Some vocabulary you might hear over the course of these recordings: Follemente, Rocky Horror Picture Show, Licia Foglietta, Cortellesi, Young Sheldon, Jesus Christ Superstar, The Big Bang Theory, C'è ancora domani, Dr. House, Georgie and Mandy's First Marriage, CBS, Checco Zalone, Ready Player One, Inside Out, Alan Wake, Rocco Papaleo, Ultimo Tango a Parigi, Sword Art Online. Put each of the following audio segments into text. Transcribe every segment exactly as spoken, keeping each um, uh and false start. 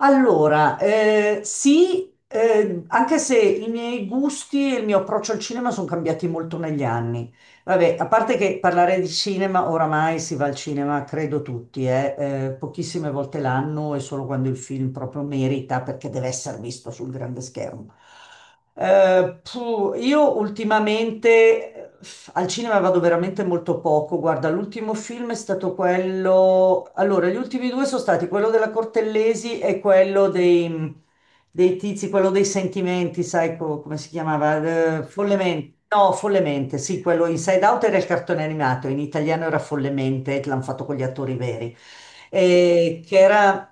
Allora, eh, sì, eh, anche se i miei gusti e il mio approccio al cinema sono cambiati molto negli anni. Vabbè, a parte che parlare di cinema, oramai si va al cinema, credo tutti, eh, eh, pochissime volte l'anno e solo quando il film proprio merita perché deve essere visto sul grande schermo. Eh, puh, io ultimamente eh, al cinema vado veramente molto poco. Guarda, l'ultimo film è stato quello. Allora, gli ultimi due sono stati quello della Cortellesi e quello dei dei tizi, quello dei sentimenti, sai co- come si chiamava? Eh, Follemente. No, Follemente, sì, quello Inside Out era il cartone animato, in italiano era Follemente, che l'hanno fatto con gli attori veri. Eh, che era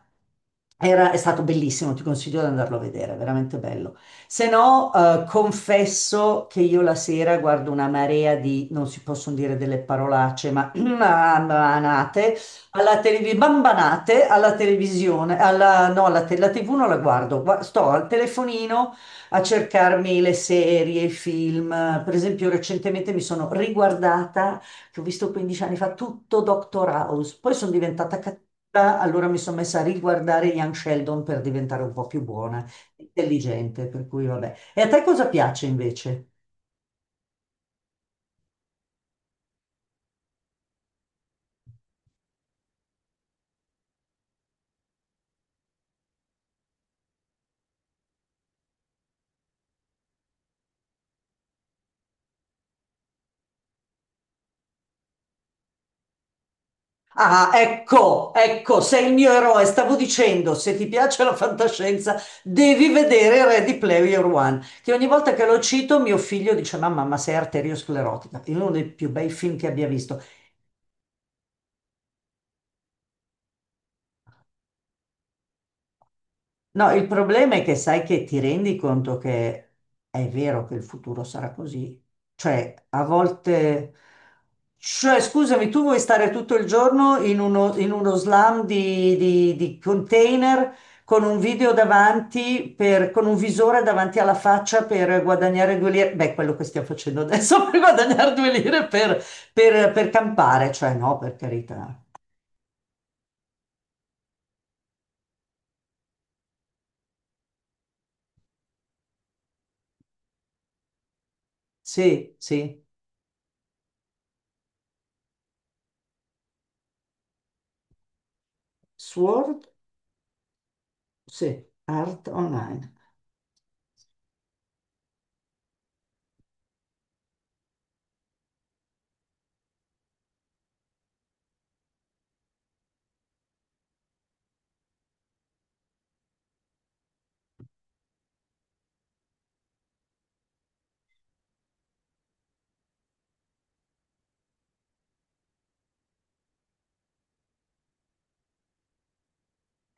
era- è stato bellissimo, ti consiglio di andarlo a vedere, è veramente bello. Se no, eh, confesso che io la sera guardo una marea di, non si possono dire delle parolacce, ma banate alla televisione, bambanate alla televisione, alla, no, alla te- la ti vù non la guardo, gua- sto al telefonino a cercarmi le serie, i film. Per esempio, recentemente mi sono riguardata che ho visto quindici anni fa, tutto doctor House. Poi sono diventata cattiva, allora mi sono messa a riguardare Young Sheldon per diventare un po' più buona, intelligente, per cui vabbè. E a te cosa piace invece? Ah, ecco, ecco, sei il mio eroe. Stavo dicendo, se ti piace la fantascienza, devi vedere Ready Player One, che ogni volta che lo cito mio figlio dice, mamma, ma sei arteriosclerotica. È uno dei più bei film che abbia visto. No, il problema è che sai che ti rendi conto che è vero che il futuro sarà così. Cioè, a volte... Cioè, scusami, tu vuoi stare tutto il giorno in uno, in uno slam di, di- di container con un video davanti, per- con un visore davanti alla faccia per guadagnare due lire? Beh, quello che stiamo facendo adesso per guadagnare due lire per, per- per campare. Cioè, no, per carità. Sì, sì. Sword? Sì. Art online.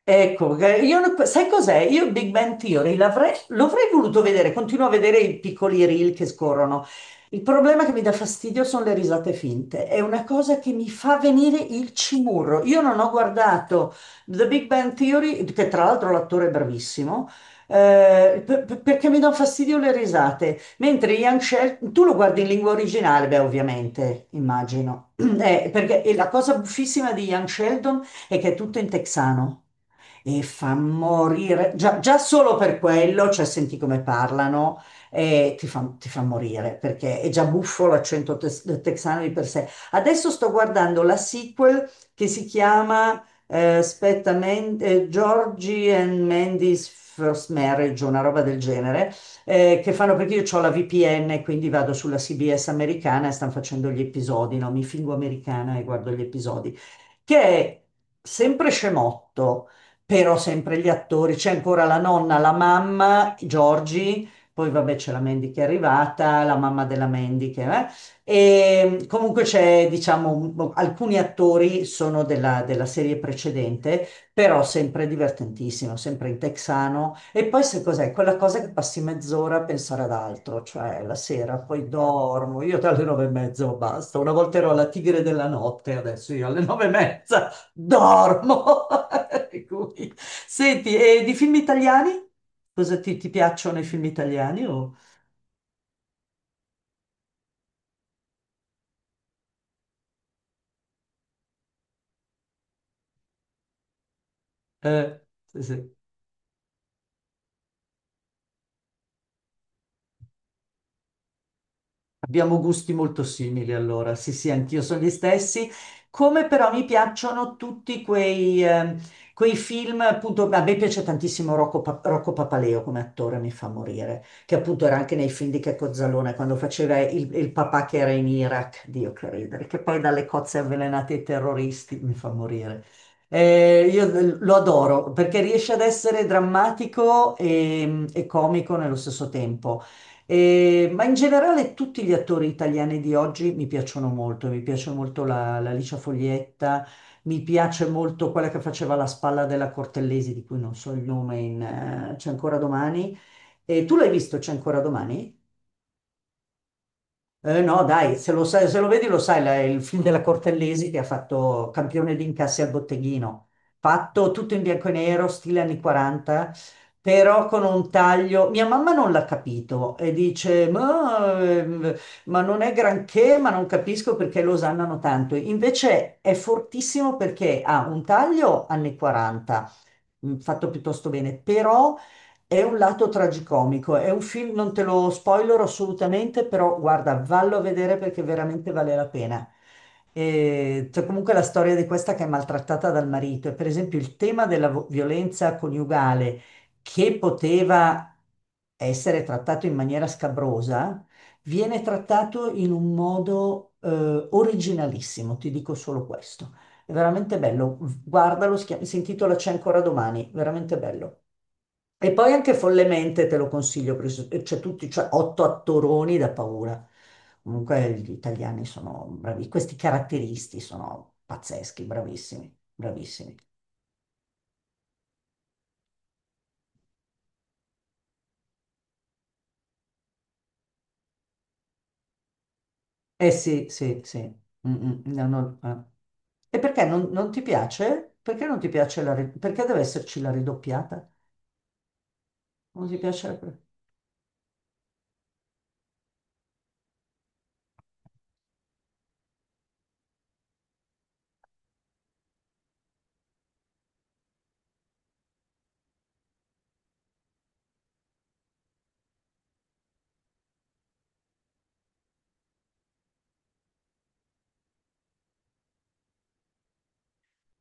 Ecco, eh, io, ne- sai cos'è? Io Big Bang Theory l'avrei l'avrei voluto vedere, continuo a vedere i piccoli reel che scorrono. Il problema che mi dà fastidio sono le risate finte, è una cosa che mi fa venire il cimurro. Io non ho guardato The Big Bang Theory, che tra l'altro l'attore è bravissimo, eh, per- per- perché mi dà fastidio le risate. Mentre Young Sheldon, tu lo guardi in lingua originale, beh, ovviamente, immagino. Eh, perché e la cosa buffissima di Young Sheldon è che è tutto in texano e fa morire, già, già solo per quello, cioè senti come parlano, e ti fa, ti fa morire, perché è già buffo l'accento tes- texano di per sé. Adesso sto guardando la sequel che si chiama eh, aspetta, Man- eh, Georgie and Mandy's First Marriage, una roba del genere, eh, che fanno perché io ho la vi pi enne, quindi vado sulla ci bi esse americana e stanno facendo gli episodi, no? Mi fingo americana e guardo gli episodi, che è sempre scemotto, però sempre gli attori, c'è ancora la nonna, la mamma, Giorgi, poi vabbè c'è la Mandy che è arrivata, la mamma della Mandy che eh? E comunque c'è, diciamo, un- alcuni attori sono della, della serie precedente, però sempre divertentissimo, sempre in texano. E poi se cos'è? Quella cosa che passi mezz'ora a pensare ad altro, cioè la sera poi dormo, io alle nove e mezza basta, una volta ero la tigre della notte, adesso io alle nove e mezza. Dormo. Per cui. Senti, e di film italiani? Cosa ti, ti piacciono i film italiani? O- eh, sì, sì. Abbiamo gusti molto simili allora, sì sì, anch'io sono gli stessi, come però mi piacciono tutti quei, eh, quei film, appunto, a me piace tantissimo Rocco, Pa- Rocco Papaleo come attore, mi fa morire, che appunto era anche nei film di Checco Zalone, quando faceva il, il papà che era in Iraq, Dio che ridere, che poi dalle cozze avvelenate ai terroristi, mi fa morire. Eh, io lo adoro perché riesce ad essere drammatico e e comico nello stesso tempo. Eh, ma in generale tutti gli attori italiani di oggi mi piacciono molto, mi piace molto la, la Licia Foglietta, mi piace molto quella che faceva la spalla della Cortellesi, di cui non so il nome, in, eh, C'è ancora domani. E tu l'hai visto C'è ancora domani? Eh, no, dai, se lo, sai- se lo vedi lo sai, la- il film della Cortellesi che ha fatto campione di incassi al botteghino, fatto tutto in bianco e nero, stile anni quaranta, però con un taglio. Mia mamma non l'ha capito e dice, ma, ehm, ma non è granché, ma non capisco perché lo osannano tanto. Invece è fortissimo perché ha un taglio anni quaranta, mm, fatto piuttosto bene, però è un lato tragicomico, è un film, non te lo spoilero assolutamente, però guarda, vallo a vedere perché veramente vale la pena. E c'è comunque la storia di questa che è maltrattata dal marito e per esempio il tema della vo- violenza coniugale che poteva essere trattato in maniera scabrosa, viene trattato in un modo eh, originalissimo, ti dico solo questo. È veramente bello, guardalo, si chiama- si intitola C'è ancora domani, veramente bello. E poi anche follemente te lo consiglio, perché s- c'è tutti, cioè otto attoroni da paura. Comunque gli italiani sono bravi, questi caratteristi sono pazzeschi, bravissimi, bravissimi. Eh sì, sì, sì. Mm, mm, no, no, eh. E perché non, non ti piace? Perché non ti piace la... ri- Perché deve esserci la ridoppiata? Non ti piace la...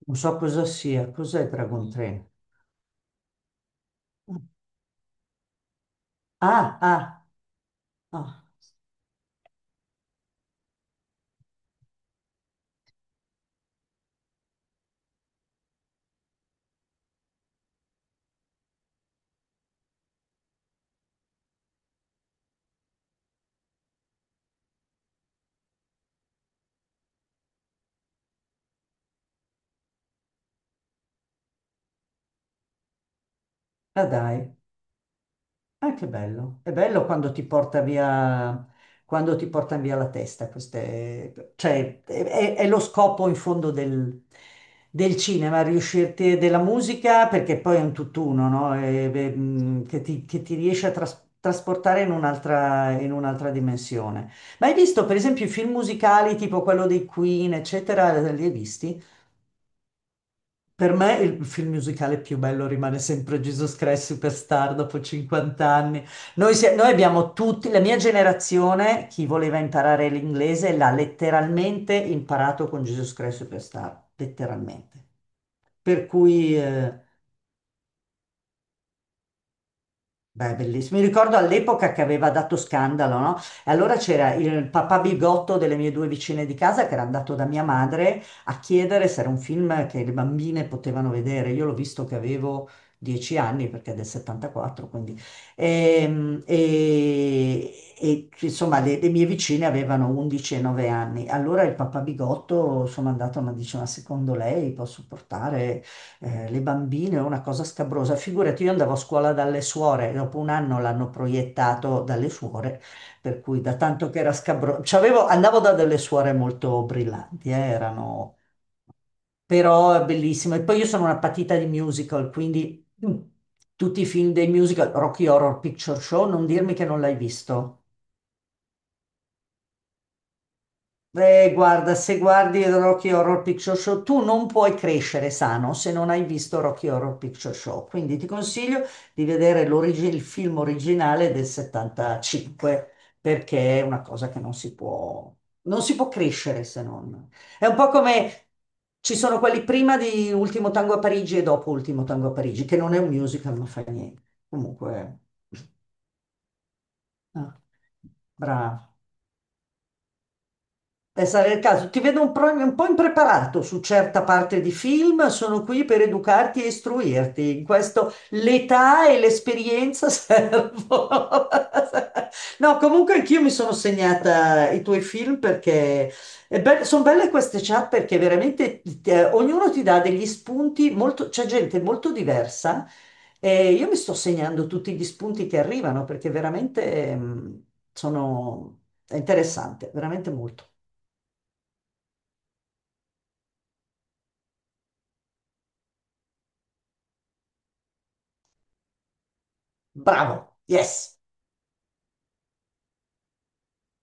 Non so cosa sia, cos'è Dragon Train? Ah, ah, ah, ah dai. Ah, che bello. È bello quando ti porta via, quando ti portano via la testa. Queste, cioè, è, è- È lo scopo in fondo del, del cinema, riuscirti, della musica, perché poi è un tutt'uno, no? E, beh, mh, che ti, che ti riesce a tras- trasportare in un'altra in un'altra dimensione. Ma hai visto, per esempio, i film musicali tipo quello dei Queen, eccetera, li hai visti? Per me il film musicale più bello rimane sempre Jesus Christ Superstar dopo cinquanta anni. Noi, si- noi abbiamo tutti, la mia generazione, chi voleva imparare l'inglese l'ha letteralmente imparato con Jesus Christ Superstar, letteralmente. Per cui eh, beh, bellissimo. Mi ricordo all'epoca che aveva dato scandalo, no? E allora c'era il papà bigotto delle mie due vicine di casa che era andato da mia madre a chiedere se era un film che le bambine potevano vedere. Io l'ho visto che avevo dieci anni perché è del settantaquattro, quindi. Ehm, E, e, insomma, le, le mie vicine avevano undici e nove anni. Allora il papà bigotto, sono andato, ma dice, ma secondo lei posso portare eh, le bambine è una cosa scabrosa. Figurati, io andavo a scuola dalle suore, dopo un anno l'hanno proiettato dalle suore, per cui da tanto che era scabroso. C'avevo, andavo da delle suore molto brillanti, eh, erano però è bellissimo. E poi io sono una patita di musical, quindi mm, tutti i film dei musical, Rocky Horror Picture Show, non dirmi che non l'hai visto. Beh, guarda, se guardi Rocky Horror Picture Show, tu non puoi crescere sano se non hai visto Rocky Horror Picture Show. Quindi ti consiglio di vedere l'origi- il film originale del settantacinque, perché è una cosa che non si può, non si può crescere se non. È un po' come ci sono quelli prima di Ultimo Tango a Parigi e dopo Ultimo Tango a Parigi, che non è un musical, non fa niente. Comunque, ah, bravo. Eh, sarà il caso. Ti vedo un, pro- un po' impreparato su certa parte di film, sono qui per educarti e istruirti. In questo l'età e l'esperienza servono. No, comunque anch'io mi sono segnata i tuoi film perché sono belle queste chat perché veramente eh, ognuno ti dà degli spunti, molto, c'è gente molto diversa. E io mi sto segnando tutti gli spunti che arrivano perché veramente mm, sono... è interessante, veramente molto. Bravo, yes.